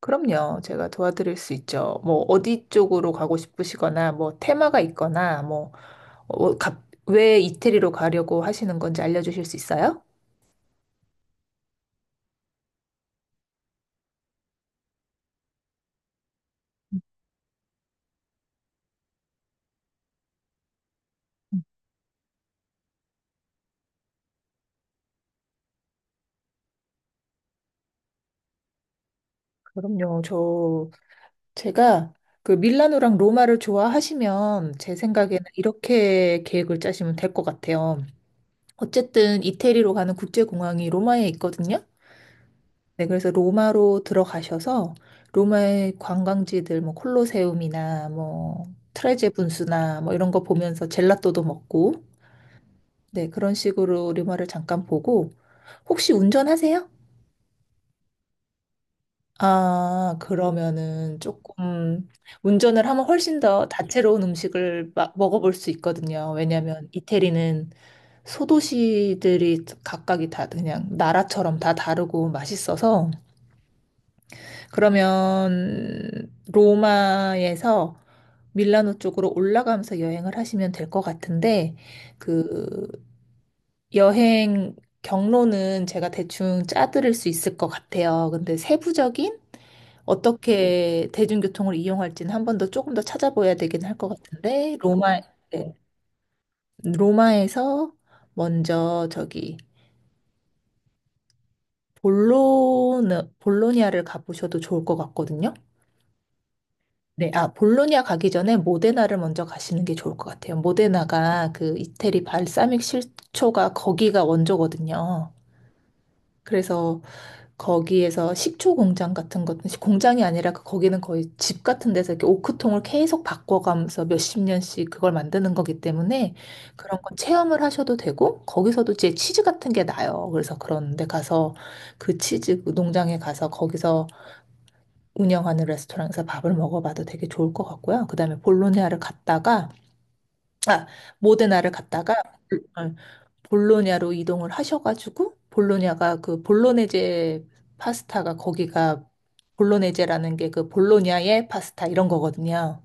그럼요. 제가 도와드릴 수 있죠. 뭐, 어디 쪽으로 가고 싶으시거나, 뭐, 테마가 있거나, 뭐, 왜 이태리로 가려고 하시는 건지 알려주실 수 있어요? 그럼요. 제가 그 밀라노랑 로마를 좋아하시면 제 생각에는 이렇게 계획을 짜시면 될 것 같아요. 어쨌든 이태리로 가는 국제공항이 로마에 있거든요. 네, 그래서 로마로 들어가셔서 로마의 관광지들 뭐 콜로세움이나 뭐 트레제 분수나 뭐 이런 거 보면서 젤라또도 먹고 네, 그런 식으로 로마를 잠깐 보고 혹시 운전하세요? 아, 그러면은 조금 운전을 하면 훨씬 더 다채로운 음식을 먹어볼 수 있거든요. 왜냐하면 이태리는 소도시들이 각각이 다 그냥 나라처럼 다 다르고 맛있어서 그러면 로마에서 밀라노 쪽으로 올라가면서 여행을 하시면 될 것 같은데, 그 여행 경로는 제가 대충 짜드릴 수 있을 것 같아요. 근데 세부적인 어떻게 대중교통을 이용할지는 한 번 더 조금 더 찾아봐야 되긴 할 것 같은데, 로마, 네. 로마에서 먼저 저기 볼로, 볼로니아를 가보셔도 좋을 것 같거든요. 네, 아, 볼로냐 가기 전에 모데나를 먼저 가시는 게 좋을 것 같아요. 모데나가 그 이태리 발사믹 식초가 거기가 원조거든요. 그래서 거기에서 식초 공장 같은 것, 공장이 아니라 거기는 거의 집 같은 데서 이렇게 오크통을 계속 바꿔가면서 몇십 년씩 그걸 만드는 거기 때문에 그런 건 체험을 하셔도 되고, 거기서도 이제 치즈 같은 게 나요. 그래서 그런 데 가서 그 치즈 그 농장에 가서 거기서 운영하는 레스토랑에서 밥을 먹어봐도 되게 좋을 것 같고요. 그다음에 볼로냐를 갔다가 아 모데나를 갔다가 그, 어, 볼로냐로 이동을 하셔가지고 볼로냐가 그 볼로네제 파스타가 거기가 볼로네제라는 게 그 볼로냐의 파스타 이런 거거든요.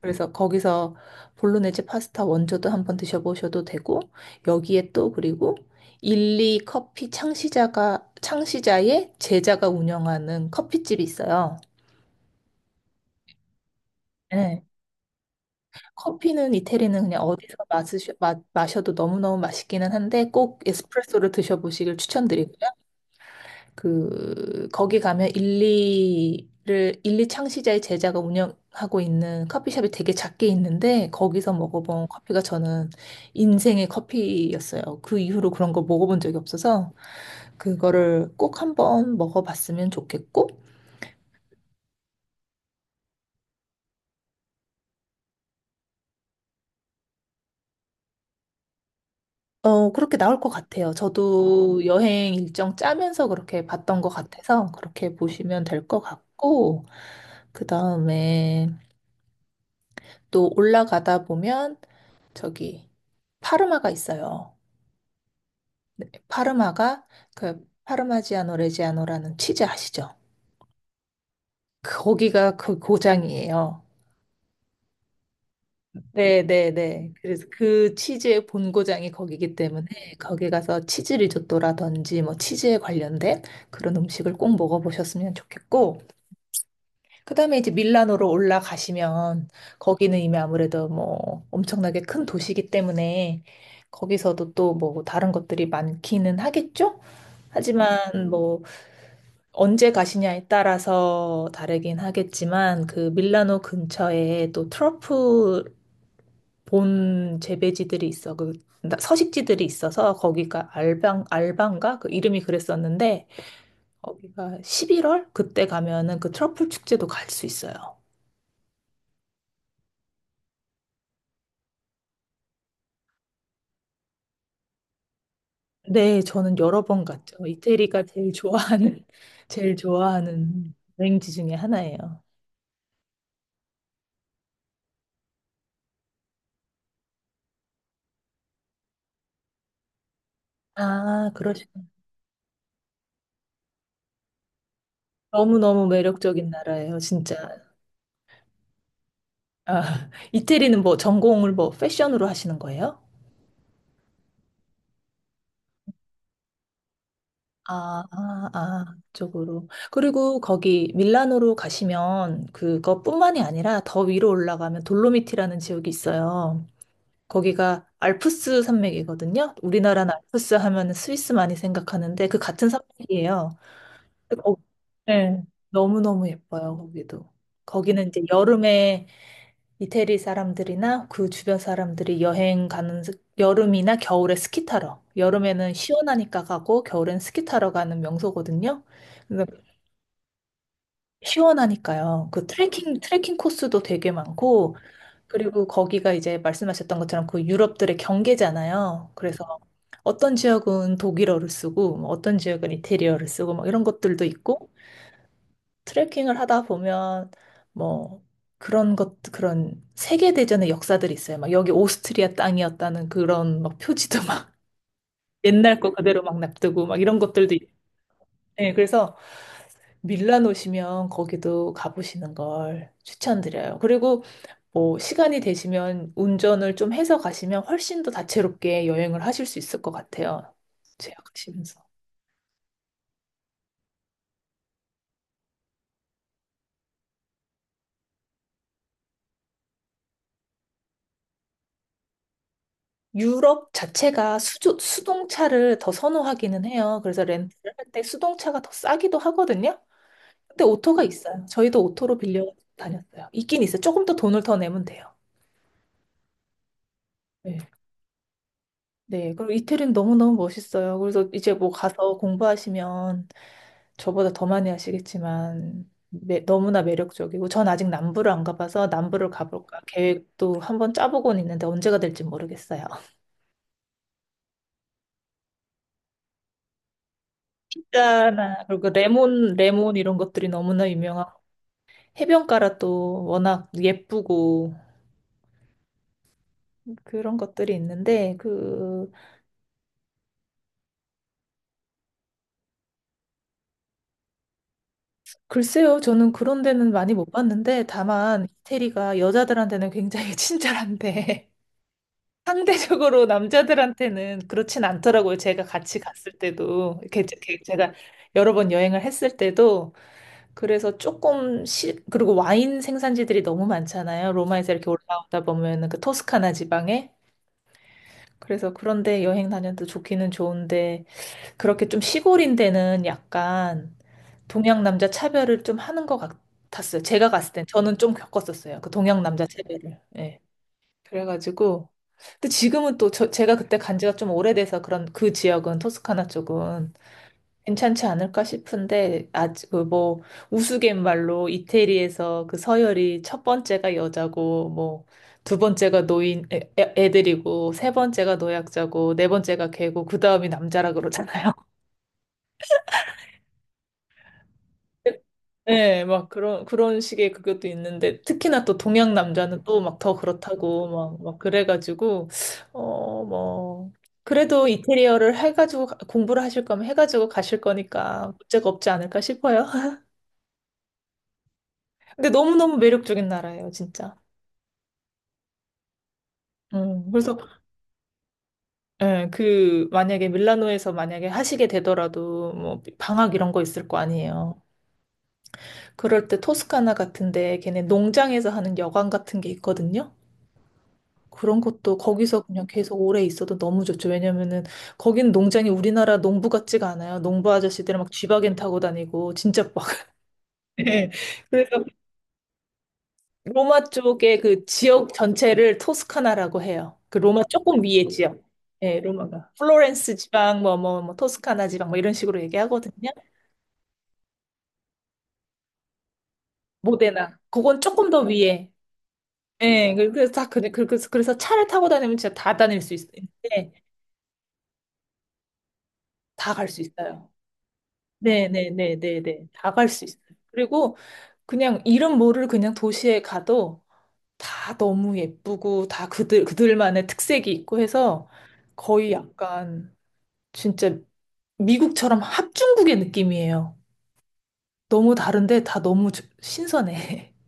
그래서 거기서 볼로네제 파스타 원조도 한번 드셔보셔도 되고 여기에 또 그리고 일리 커피 창시자가 창시자의 제자가 운영하는 커피집이 있어요. 네. 커피는 이태리는 그냥 어디서 마셔도 너무너무 맛있기는 한데 꼭 에스프레소를 드셔보시길 추천드리고요. 그 거기 가면 일리를 일리 창시자의 제자가 운영하고 있는 커피숍이 되게 작게 있는데 거기서 먹어본 커피가 저는 인생의 커피였어요. 그 이후로 그런 걸 먹어본 적이 없어서 그거를 꼭 한번 먹어봤으면 좋겠고 어, 그렇게 나올 것 같아요. 저도 여행 일정 짜면서 그렇게 봤던 것 같아서 그렇게 보시면 될 것 같고, 그 다음에 또 올라가다 보면 저기 파르마가 있어요. 파르마가 그 파르마지아노 레지아노라는 치즈 아시죠? 거기가 그 고장이에요. 네, 네, 네. 그래서 그 치즈의 본고장이 거기기 때문에 거기 가서 치즈 리조또라든지 뭐 치즈에 관련된 그런 음식을 꼭 먹어보셨으면 좋겠고, 그다음에 이제 밀라노로 올라가시면 거기는 이미 아무래도 뭐 엄청나게 큰 도시이기 때문에 거기서도 또 뭐 다른 것들이 많기는 하겠죠? 하지만 뭐 언제 가시냐에 따라서 다르긴 하겠지만 그 밀라노 근처에 또 트러플 본 재배지들이 있어 서식지들이 있어서 거기가 알방가 그 이름이 그랬었는데 거기가 11월 그때 가면은 그 트러플 축제도 갈 수 있어요. 네, 저는 여러 번 갔죠. 이태리가 제일 좋아하는, 제일 좋아하는 여행지 중에 하나예요. 아, 그러시군요. 너무너무 매력적인 나라예요, 진짜. 아, 이태리는 뭐 전공을 뭐 패션으로 하시는 거예요? 쪽으로. 그리고 거기 밀라노로 가시면 그것뿐만이 아니라 더 위로 올라가면 돌로미티라는 지역이 있어요. 거기가 알프스 산맥이거든요. 우리나라는 알프스 하면 스위스 많이 생각하는데 그 같은 산맥이에요. 어, 네. 너무너무 예뻐요, 거기도. 거기는 이제 여름에 이태리 사람들이나 그 주변 사람들이 여행 가는, 여름이나 겨울에 스키 타러. 여름에는 시원하니까 가고, 겨울엔 스키 타러 가는 명소거든요. 근데 시원하니까요. 그 트레킹 코스도 되게 많고, 그리고 거기가 이제 말씀하셨던 것처럼 그 유럽들의 경계잖아요. 그래서 어떤 지역은 독일어를 쓰고, 뭐 어떤 지역은 이태리어를 쓰고, 막 이런 것들도 있고, 트레킹을 하다 보면 뭐 그런 것 그런 세계 대전의 역사들이 있어요. 막 여기 오스트리아 땅이었다는 그런 막 표지도 막 옛날 거 그대로 막 놔두고 막 이런 것들도 있- 네, 그래서 밀란 오시면 거기도 가보시는 걸 추천드려요. 그리고 뭐 시간이 되시면 운전을 좀 해서 가시면 훨씬 더 다채롭게 여행을 하실 수 있을 것 같아요. 제가 가시면서. 유럽 자체가 수동차를 더 선호하기는 해요. 그래서 렌트를 할 때 수동차가 더 싸기도 하거든요. 근데 오토가 있어요. 저희도 오토로 빌려 다녔어요. 있긴 있어요. 조금 더 돈을 더 내면 돼요. 네. 네. 그리고 이태리는 너무너무 멋있어요. 그래서 이제 뭐 가서 공부하시면 저보다 더 많이 하시겠지만 너무나 매력적이고 전 아직 남부를 안 가봐서 남부를 가볼까 계획도 한번 짜보곤 있는데 언제가 될지 모르겠어요. 있잖나 그리고 레몬 레몬 이런 것들이 너무나 유명하고 해변가라 또 워낙 예쁘고 그런 것들이 있는데 그 글쎄요 저는 그런 데는 많이 못 봤는데 다만 이태리가 여자들한테는 굉장히 친절한데 상대적으로 남자들한테는 그렇진 않더라고요. 제가 같이 갔을 때도 이렇게 제가 여러 번 여행을 했을 때도 그래서 그리고 와인 생산지들이 너무 많잖아요. 로마에서 이렇게 올라오다 보면은 그 토스카나 지방에 그래서 그런데 여행 다녀도 좋기는 좋은데 그렇게 좀 시골인 데는 약간 동양 남자 차별을 좀 하는 것 같았어요. 제가 갔을 땐 저는 좀 겪었었어요. 그 동양 남자 차별을. 예. 그래가지고 근데 지금은 또 제가 그때 간 지가 좀 오래돼서 그런 그 지역은 토스카나 쪽은 괜찮지 않을까 싶은데 아직 그뭐 우스갯말로 이태리에서 그 서열이 첫 번째가 여자고 뭐 두 번째가 노인 애들이고 세 번째가 노약자고 네 번째가 개고 그 다음이 남자라 그러잖아요. 네, 막 그런 식의 그것도 있는데, 특히나 또 동양 남자는 또 막 더 그렇다고, 막 그래가지고, 어, 뭐, 그래도 인테리어를 해가지고, 공부를 하실 거면 해가지고 가실 거니까 문제가 없지 않을까 싶어요. 근데 너무너무 매력적인 나라예요, 진짜. 그래서, 예, 그, 만약에 밀라노에서 만약에 하시게 되더라도, 뭐, 방학 이런 거 있을 거 아니에요. 그럴 때 토스카나 같은데, 걔네 농장에서 하는 여관 같은 게 있거든요. 그런 것도 거기서 그냥 계속 오래 있어도 너무 좋죠. 왜냐면은 거기는 농장이 우리나라 농부 같지가 않아요. 농부 아저씨들 막 쥐바겐 타고 다니고 진짜 막. 예. 그래서 로마 쪽의 그 지역 전체를 토스카나라고 해요. 그 로마 조금 위에 지역. 예, 로마가. 플로렌스 지방, 뭐, 뭐, 뭐, 토스카나 지방, 뭐, 이런 식으로 얘기하거든요. 모데나. 그건 조금 더 위에. 예, 그래서 그래서 차를 타고 다니면 진짜 다 다닐 수 있는데, 다 갈 수 있어요. 네네네네네. 다 갈 수 있어요. 그리고 그냥 이름 모를 그냥 도시에 가도 다 너무 예쁘고 다 그들만의 특색이 있고 해서 거의 약간 진짜 미국처럼 합중국의 느낌이에요. 너무 다른데 다 너무 신선해.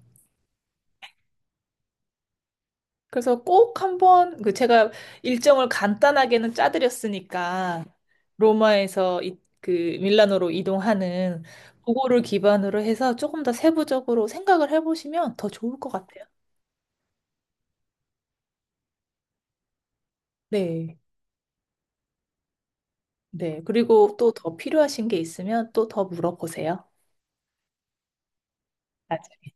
그래서 꼭 한번 그 제가 일정을 간단하게는 짜드렸으니까 로마에서 그 밀라노로 이동하는 그거를 기반으로 해서 조금 더 세부적으로 생각을 해보시면 더 좋을 것 같아요. 네. 네. 그리고 또 더 필요하신 게 있으면 또 더 물어보세요. 나중에.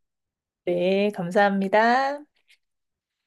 네. 감사합니다.